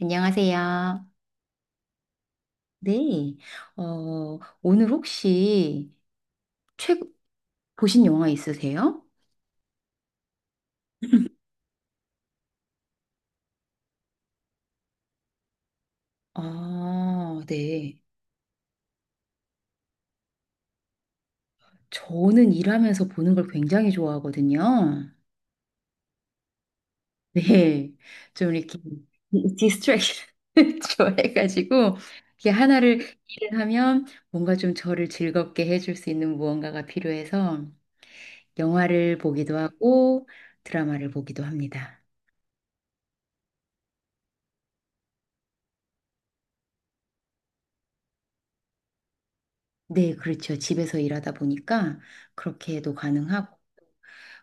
안녕하세요. 네. 오늘 혹시 최 보신 영화 있으세요? 아, 네. 저는 일하면서 보는 걸 굉장히 좋아하거든요. 네. 좀 이렇게 디스트랙션을 좋아해가지고 이게 하나를 일을 하면 뭔가 좀 저를 즐겁게 해줄 수 있는 무언가가 필요해서 영화를 보기도 하고 드라마를 보기도 합니다. 네, 그렇죠. 집에서 일하다 보니까 그렇게도 가능하고,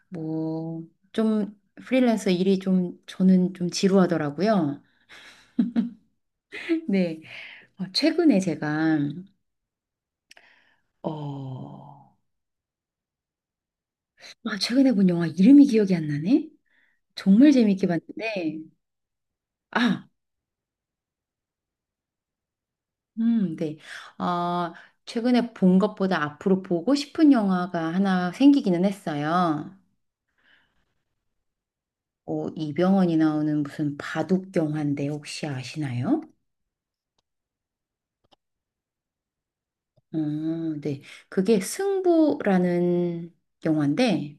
뭐, 좀 프리랜서 일이 좀 저는 좀 지루하더라고요. 네. 어, 최근에 제가, 어, 아, 최근에 본 영화 이름이 기억이 안 나네? 정말 재밌게 봤는데, 아, 네. 어, 최근에 본 것보다 앞으로 보고 싶은 영화가 하나 생기기는 했어요. 이병헌이 나오는 무슨 바둑 영화인데 혹시 아시나요? 어, 네. 그게 승부라는 영화인데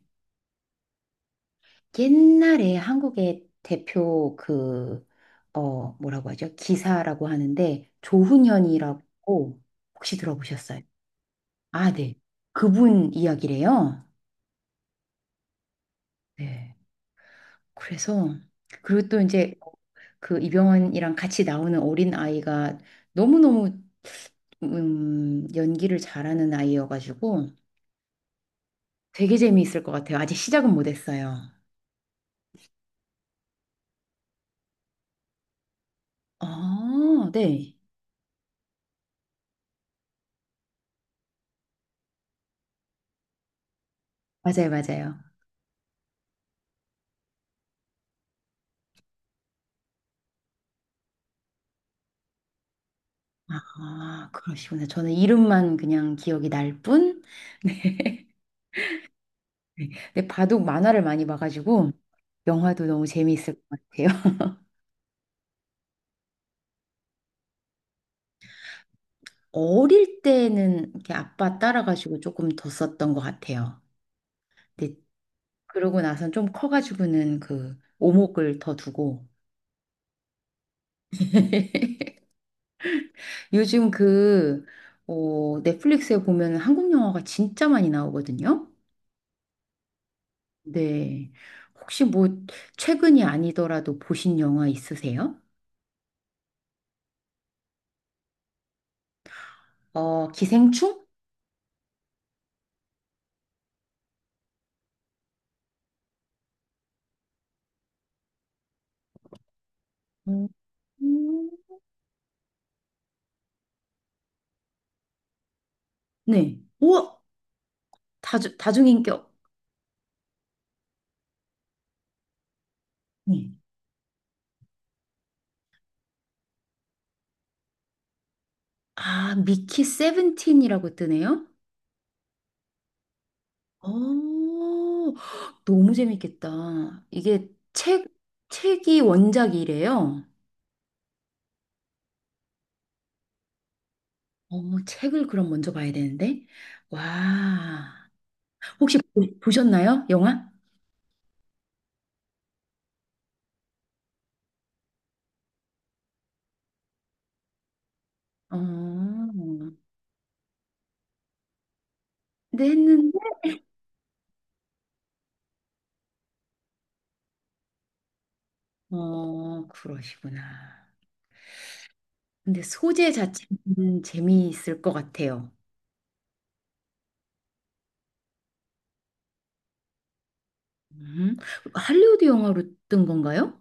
옛날에 한국의 대표 그, 뭐라고 하죠? 기사라고 하는데 조훈현이라고 혹시 들어보셨어요? 아, 네. 그분 이야기래요. 네. 그래서 그리고 또 이제 그 이병헌이랑 같이 나오는 어린 아이가 너무너무 연기를 잘하는 아이여가지고 되게 재미있을 것 같아요. 아직 시작은 못했어요. 아, 네. 맞아요, 맞아요. 아, 그러시구나. 저는 이름만 그냥 기억이 날 뿐. 네. 네, 근데 바둑 만화를 많이 봐가지고 영화도 너무 재미있을 것 같아요. 어릴 때는 이렇게 아빠 따라가지고 조금 더 썼던 것 같아요. 근데 그러고 나선 좀 커가지고는 그 오목을 더 두고 요즘 그 넷플릭스에 보면 한국 영화가 진짜 많이 나오거든요. 네. 혹시 뭐 최근이 아니더라도 보신 영화 있으세요? 어, 기생충? 음. 네. 우와! 다중, 다중인격. 네. 아, 미키 세븐틴이라고 뜨네요? 어, 너무 재밌겠다. 이게 책, 책이 원작이래요. 어, 책을 그럼 먼저 봐야 되는데. 와. 혹시 보셨나요? 영화? 어, 근데 했는데. 어, 그러시구나. 근데 소재 자체는 재미있을 것 같아요. 음, 할리우드 영화로 뜬 건가요?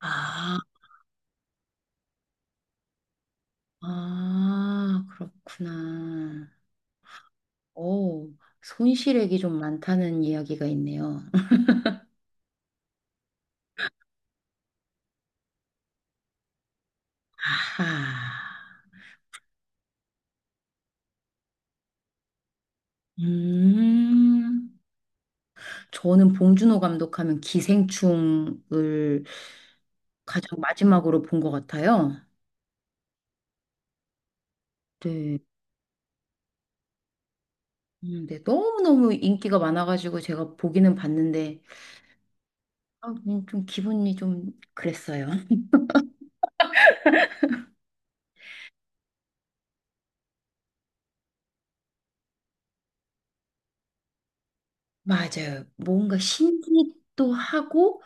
아, 아, 그렇구나. 오, 손실액이 좀 많다는 이야기가 있네요. 아하. 음, 저는 봉준호 감독하면 기생충을 가장 마지막으로 본 것 같아요. 네. 네, 너무너무 인기가 많아가지고 제가 보기는 봤는데 아, 그냥 좀 기분이 좀 그랬어요. 맞아요. 뭔가 신기도 하고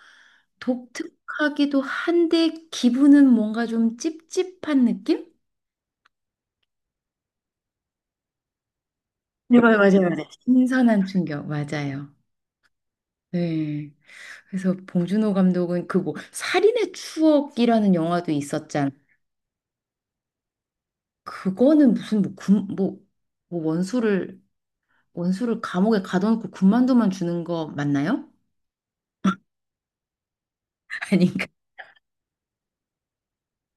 독특하기도 한데 기분은 뭔가 좀 찝찝한 느낌? 네, 맞아요, 맞아요, 맞아요. 신선한 충격, 맞아요. 네. 그래서 봉준호 감독은 그뭐 살인의 추억이라는 영화도 있었잖아. 그거는 무슨 뭐 원수를 원수를 감옥에 가둬놓고 군만두만 주는 거 맞나요? 아닌가?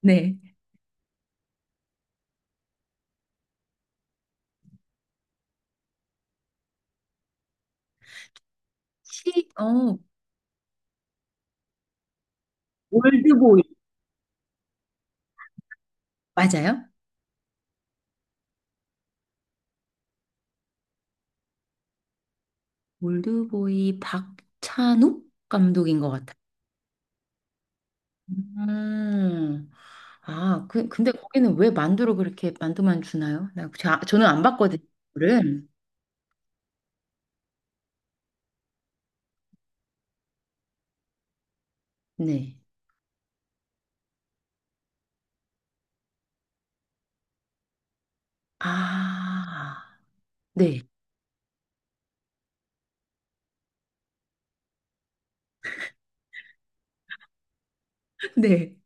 네. 시, 어, 올드보이. 맞아요? 올드보이 박찬욱 감독인 것 같아요. 음. 근데 거기는 왜 만두로 그렇게 만두만 주나요? 저는 안 봤거든요, 그거를. 네. 아, 네. 네.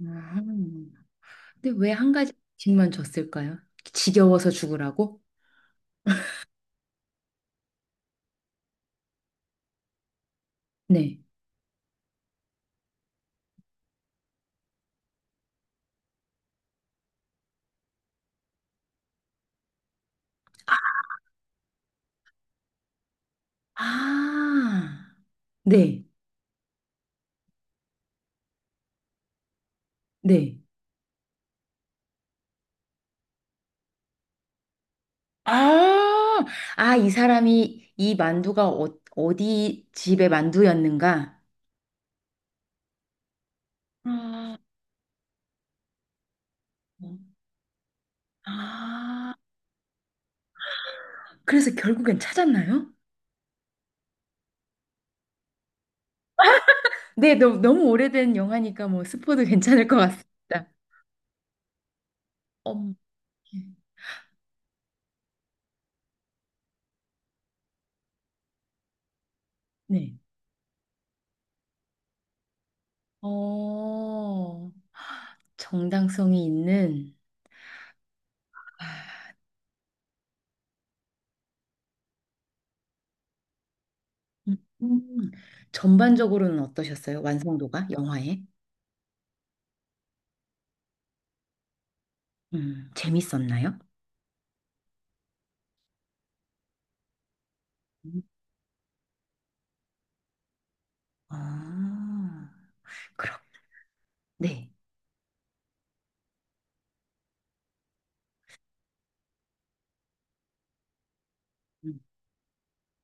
음. 근데 왜 한 가지 씩만 줬을까요? 지겨워서 죽으라고? 네. 아, 네. 네. 아, 이 사람이 이 만두가 어디 집의 만두였는가? 아, 아, 그래서 결국엔 찾았나요? 네, 너무 오래된 영화니까 뭐 스포도 괜찮을 것 같습니다. 엄, 네. 어, 정당성이 있는, 아, 음, 음. 전반적으로는 어떠셨어요? 완성도가 영화에? 재밌었나요? 음. 아, 그렇 네. 음,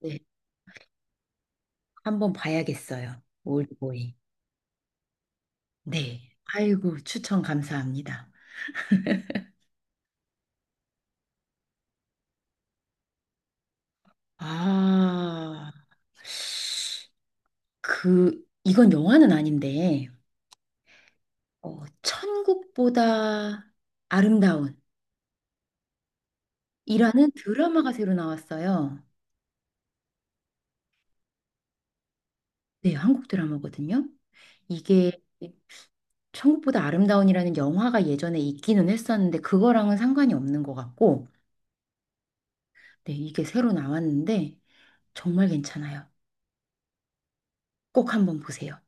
네. 한번 봐야겠어요. 올드보이. 네. 아이고, 추천 감사합니다. 아, 이건 영화는 아닌데, 천국보다 아름다운 이라는 드라마가 새로 나왔어요. 네, 한국 드라마거든요. 이게 천국보다 아름다운이라는 영화가 예전에 있기는 했었는데, 그거랑은 상관이 없는 것 같고, 네, 이게 새로 나왔는데, 정말 괜찮아요. 꼭 한번 보세요.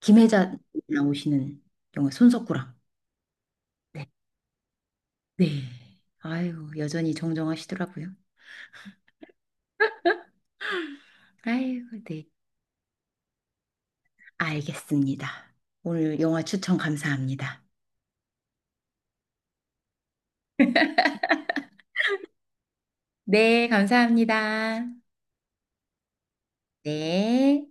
김혜자 나오시는 영화 손석구랑. 네. 네. 아이고, 여전히 정정하시더라고요. 아이고, 네. 알겠습니다. 오늘 영화 추천 감사합니다. 네, 감사합니다. 네.